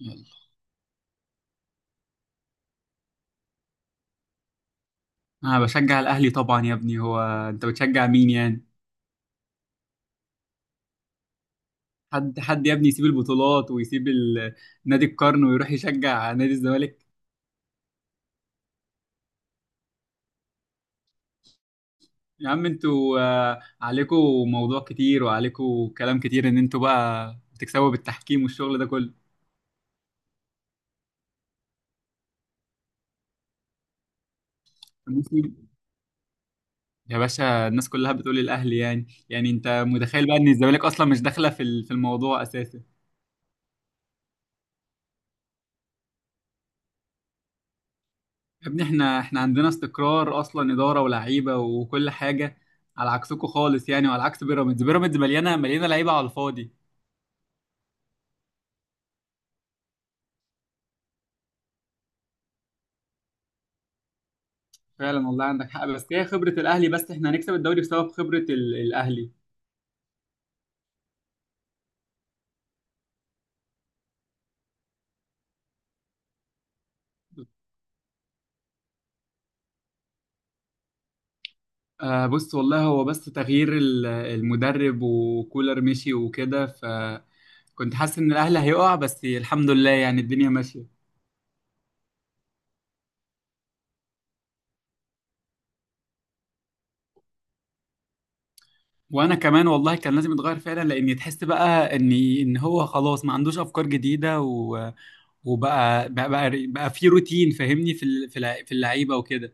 يلا، انا بشجع الاهلي طبعا يا ابني. هو انت بتشجع مين يعني؟ حد حد يا ابني يسيب البطولات ويسيب نادي القرن ويروح يشجع نادي الزمالك؟ يا عم انتوا عليكوا موضوع كتير وعليكوا كلام كتير ان انتوا بقى بتكسبوا بالتحكيم والشغل ده كله. الموسم- يا باشا، الناس كلها بتقول الاهلي يعني. يعني انت متخيل بقى ان الزمالك اصلا مش داخله في الموضوع اساسا. يا ابني احنا عندنا استقرار اصلا، اداره ولاعيبه وكل حاجه، على عكسكم خالص يعني، وعلى عكس بيراميدز. بيراميدز مليانه لعيبه على الفاضي. فعلا والله عندك حق، بس هي خبره الاهلي. بس احنا هنكسب الدوري بسبب خبره الاهلي. آه بص والله، هو بس تغيير المدرب، وكولر مشي وكده، فكنت حاسس ان الاهلي هيقع، بس الحمد لله يعني الدنيا ماشيه. وانا كمان والله كان لازم يتغير فعلا، لان تحس بقى ان ان هو خلاص ما عندوش افكار جديده، وبقى بقى بقى, بقى في روتين، فاهمني، في ال- في الع- في اللعيبه وكده.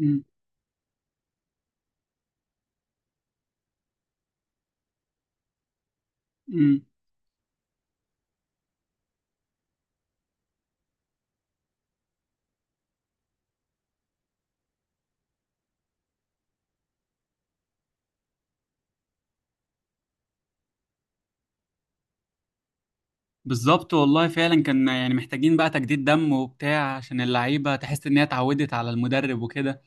امم امم بالظبط والله فعلا، كان يعني محتاجين بقى تجديد دم وبتاع عشان اللعيبه تحس ان هي اتعودت على المدرب وكده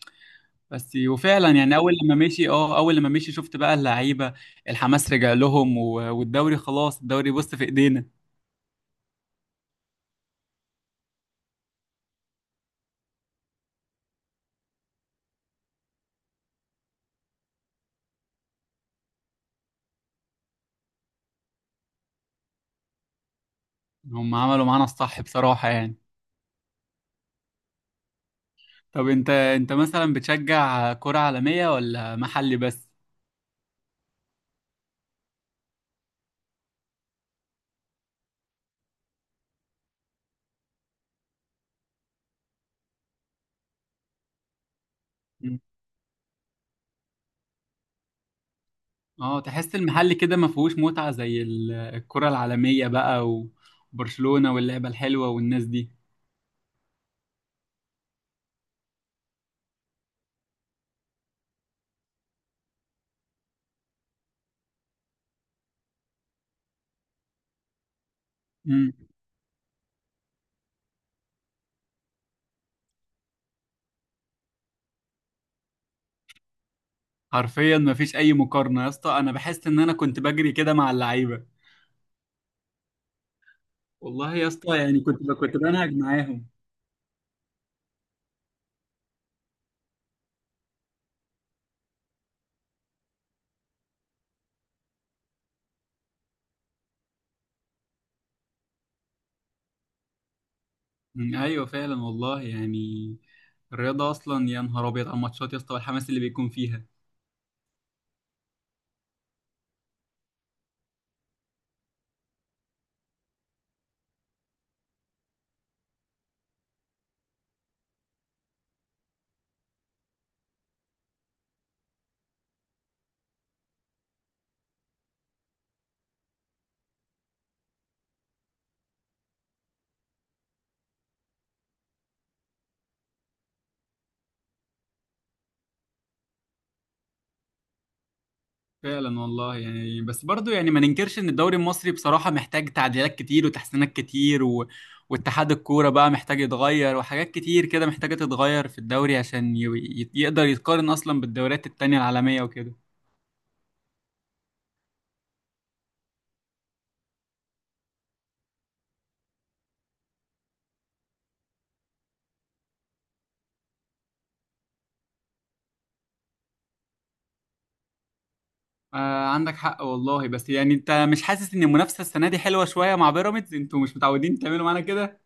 بس. وفعلا يعني اول لما مشي شفت بقى اللعيبه الحماس رجع لهم. والدوري خلاص، الدوري بص في ايدينا. هم عملوا معانا الصح بصراحه يعني. طب انت مثلا بتشجع كرة عالمية ولا محلي بس؟ اه تحس المحل كده ما فيهوش متعة زي الكرة العالمية بقى، وبرشلونة واللعبة الحلوة والناس دي. امم حرفيا ما فيش اي مقارنة يا اسطى، انا بحس ان انا كنت بجري كده مع اللعيبة. والله يا اسطى يعني كنت بنهج معاهم. مم، ايوه فعلا والله يعني. الرياضة اصلا يا نهار ابيض على الماتشات يا اسطى والحماس اللي بيكون فيها. فعلا والله يعني. بس برضو يعني ما ننكرش ان الدوري المصري بصراحة محتاج تعديلات كتير وتحسينات كتير، و... واتحاد الكورة بقى محتاج يتغير، وحاجات كتير كده محتاجة تتغير في الدوري عشان يقدر يتقارن اصلا بالدوريات التانية العالمية وكده. آه عندك حق والله، بس يعني انت مش حاسس ان المنافسة السنة دي حلوة شوية مع بيراميدز؟ انتوا مش متعودين تعملوا معانا كده.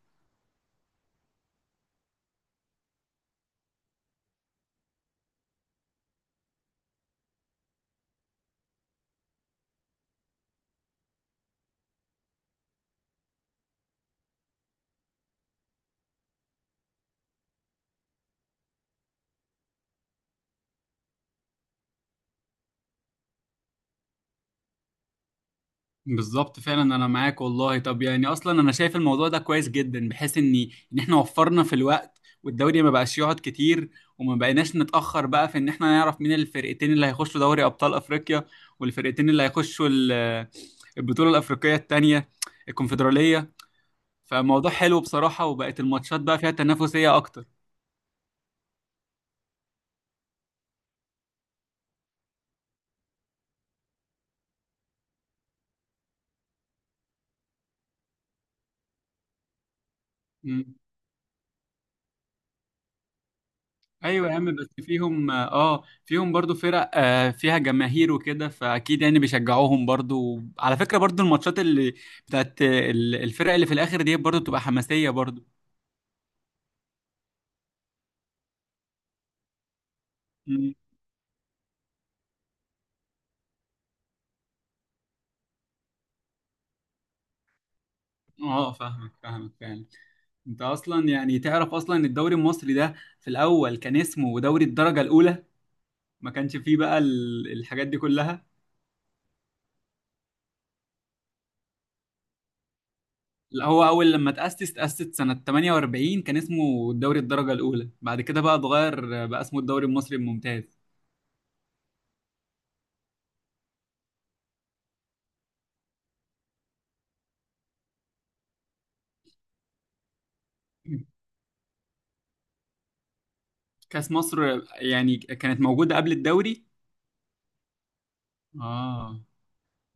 بالظبط فعلا انا معاك والله. طب يعني اصلا انا شايف الموضوع ده كويس جدا، بحيث ان ان احنا وفرنا في الوقت، والدوري ما بقاش يقعد كتير، وما بقيناش نتاخر بقى في ان احنا نعرف مين الفرقتين اللي هيخشوا دوري ابطال افريقيا، والفرقتين اللي هيخشوا البطوله الافريقيه التانيه، الكونفدراليه. فموضوع حلو بصراحه، وبقت الماتشات بقى فيها تنافسيه اكتر. ايوه يا عم، بس فيهم اه فيهم برضو فرق آه فيها جماهير وكده، فاكيد يعني بيشجعوهم برضو على فكره. برضو الماتشات اللي بتاعت الفرق اللي في الاخر دي برضو بتبقى حماسيه برضو. مم. اه فاهمك فعلا. انت اصلا يعني تعرف اصلا إن الدوري المصري ده في الاول كان اسمه دوري الدرجه الاولى، ما كانش فيه الحاجات دي كلها. لا هو اول لما تاسس سنه 48 كان اسمه دوري الدرجه الاولى، بعد كده بقى اتغير بقى اسمه الدوري المصري الممتاز. كأس مصر يعني كانت موجودة قبل الدوري، اه.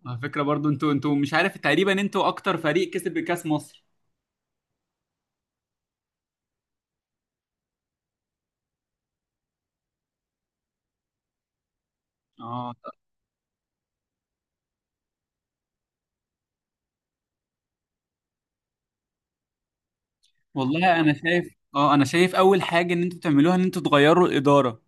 على فكرة برضو، انتوا مش عارف تقريبا انتوا اكتر فريق كسب كأس مصر. اه والله انا شايف، انا شايف اول حاجة ان انتوا تعملوها ان انتوا تغيروا الإدارة.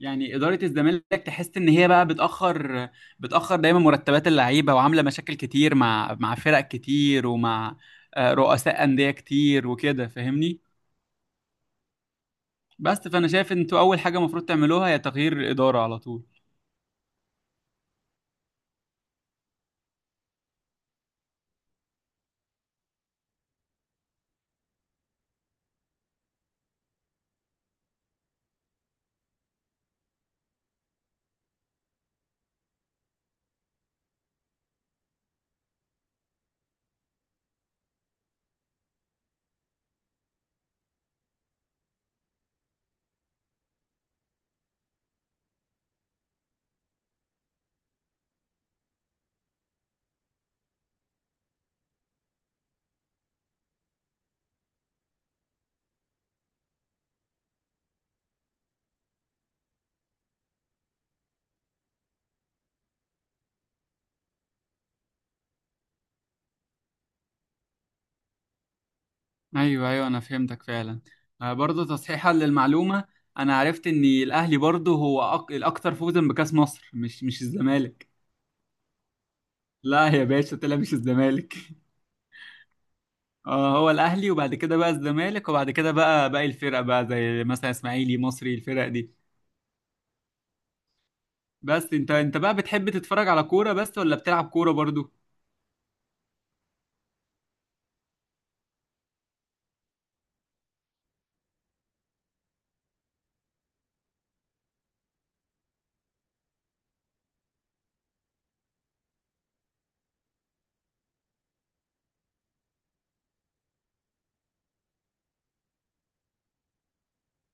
يعني إدارة الزمالك تحس ان هي بقى بتأخر دايما مرتبات اللعيبة، وعاملة مشاكل كتير مع مع فرق كتير، ومع رؤساء أندية كتير وكده فاهمني. بس فانا شايف ان انتوا اول حاجة المفروض تعملوها هي تغيير الإدارة على طول. ايوه ايوه انا فهمتك فعلا. برضه تصحيحا للمعلومه، انا عرفت ان الاهلي برضه هو الاكثر فوزا بكاس مصر، مش مش الزمالك. لا يا باشا، طلع مش الزمالك. اه هو الاهلي، وبعد كده بقى الزمالك، وبعد كده بقى باقي الفرق بقى زي مثلا اسماعيلي، مصري، الفرق دي. بس انت بقى بتحب تتفرج على كوره بس ولا بتلعب كوره برضه؟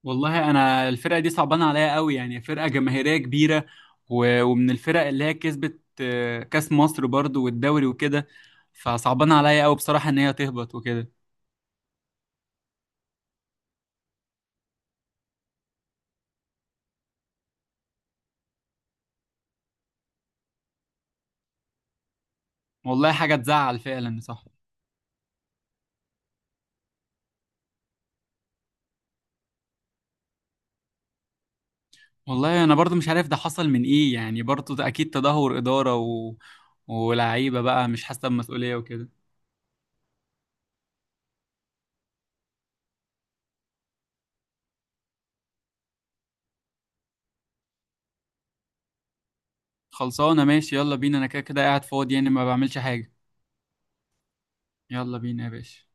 والله انا الفرقه دي صعبانه عليا قوي، يعني فرقه جماهيريه كبيره، و- ومن الفرق اللي هي كسبت كاس مصر برضو والدوري وكده، فصعبانه عليا قوي بصراحه ان هي تهبط وكده. والله حاجه تزعل فعلا، صح. والله انا برضو مش عارف ده حصل من ايه يعني، برضو ده اكيد تدهور اداره، و... ولاعيبه بقى مش حاسه بمسؤوليه وكده. خلصانه ماشي، يلا بينا، انا كده كده قاعد فاضي يعني ما بعملش حاجه. يلا بينا يا باشا.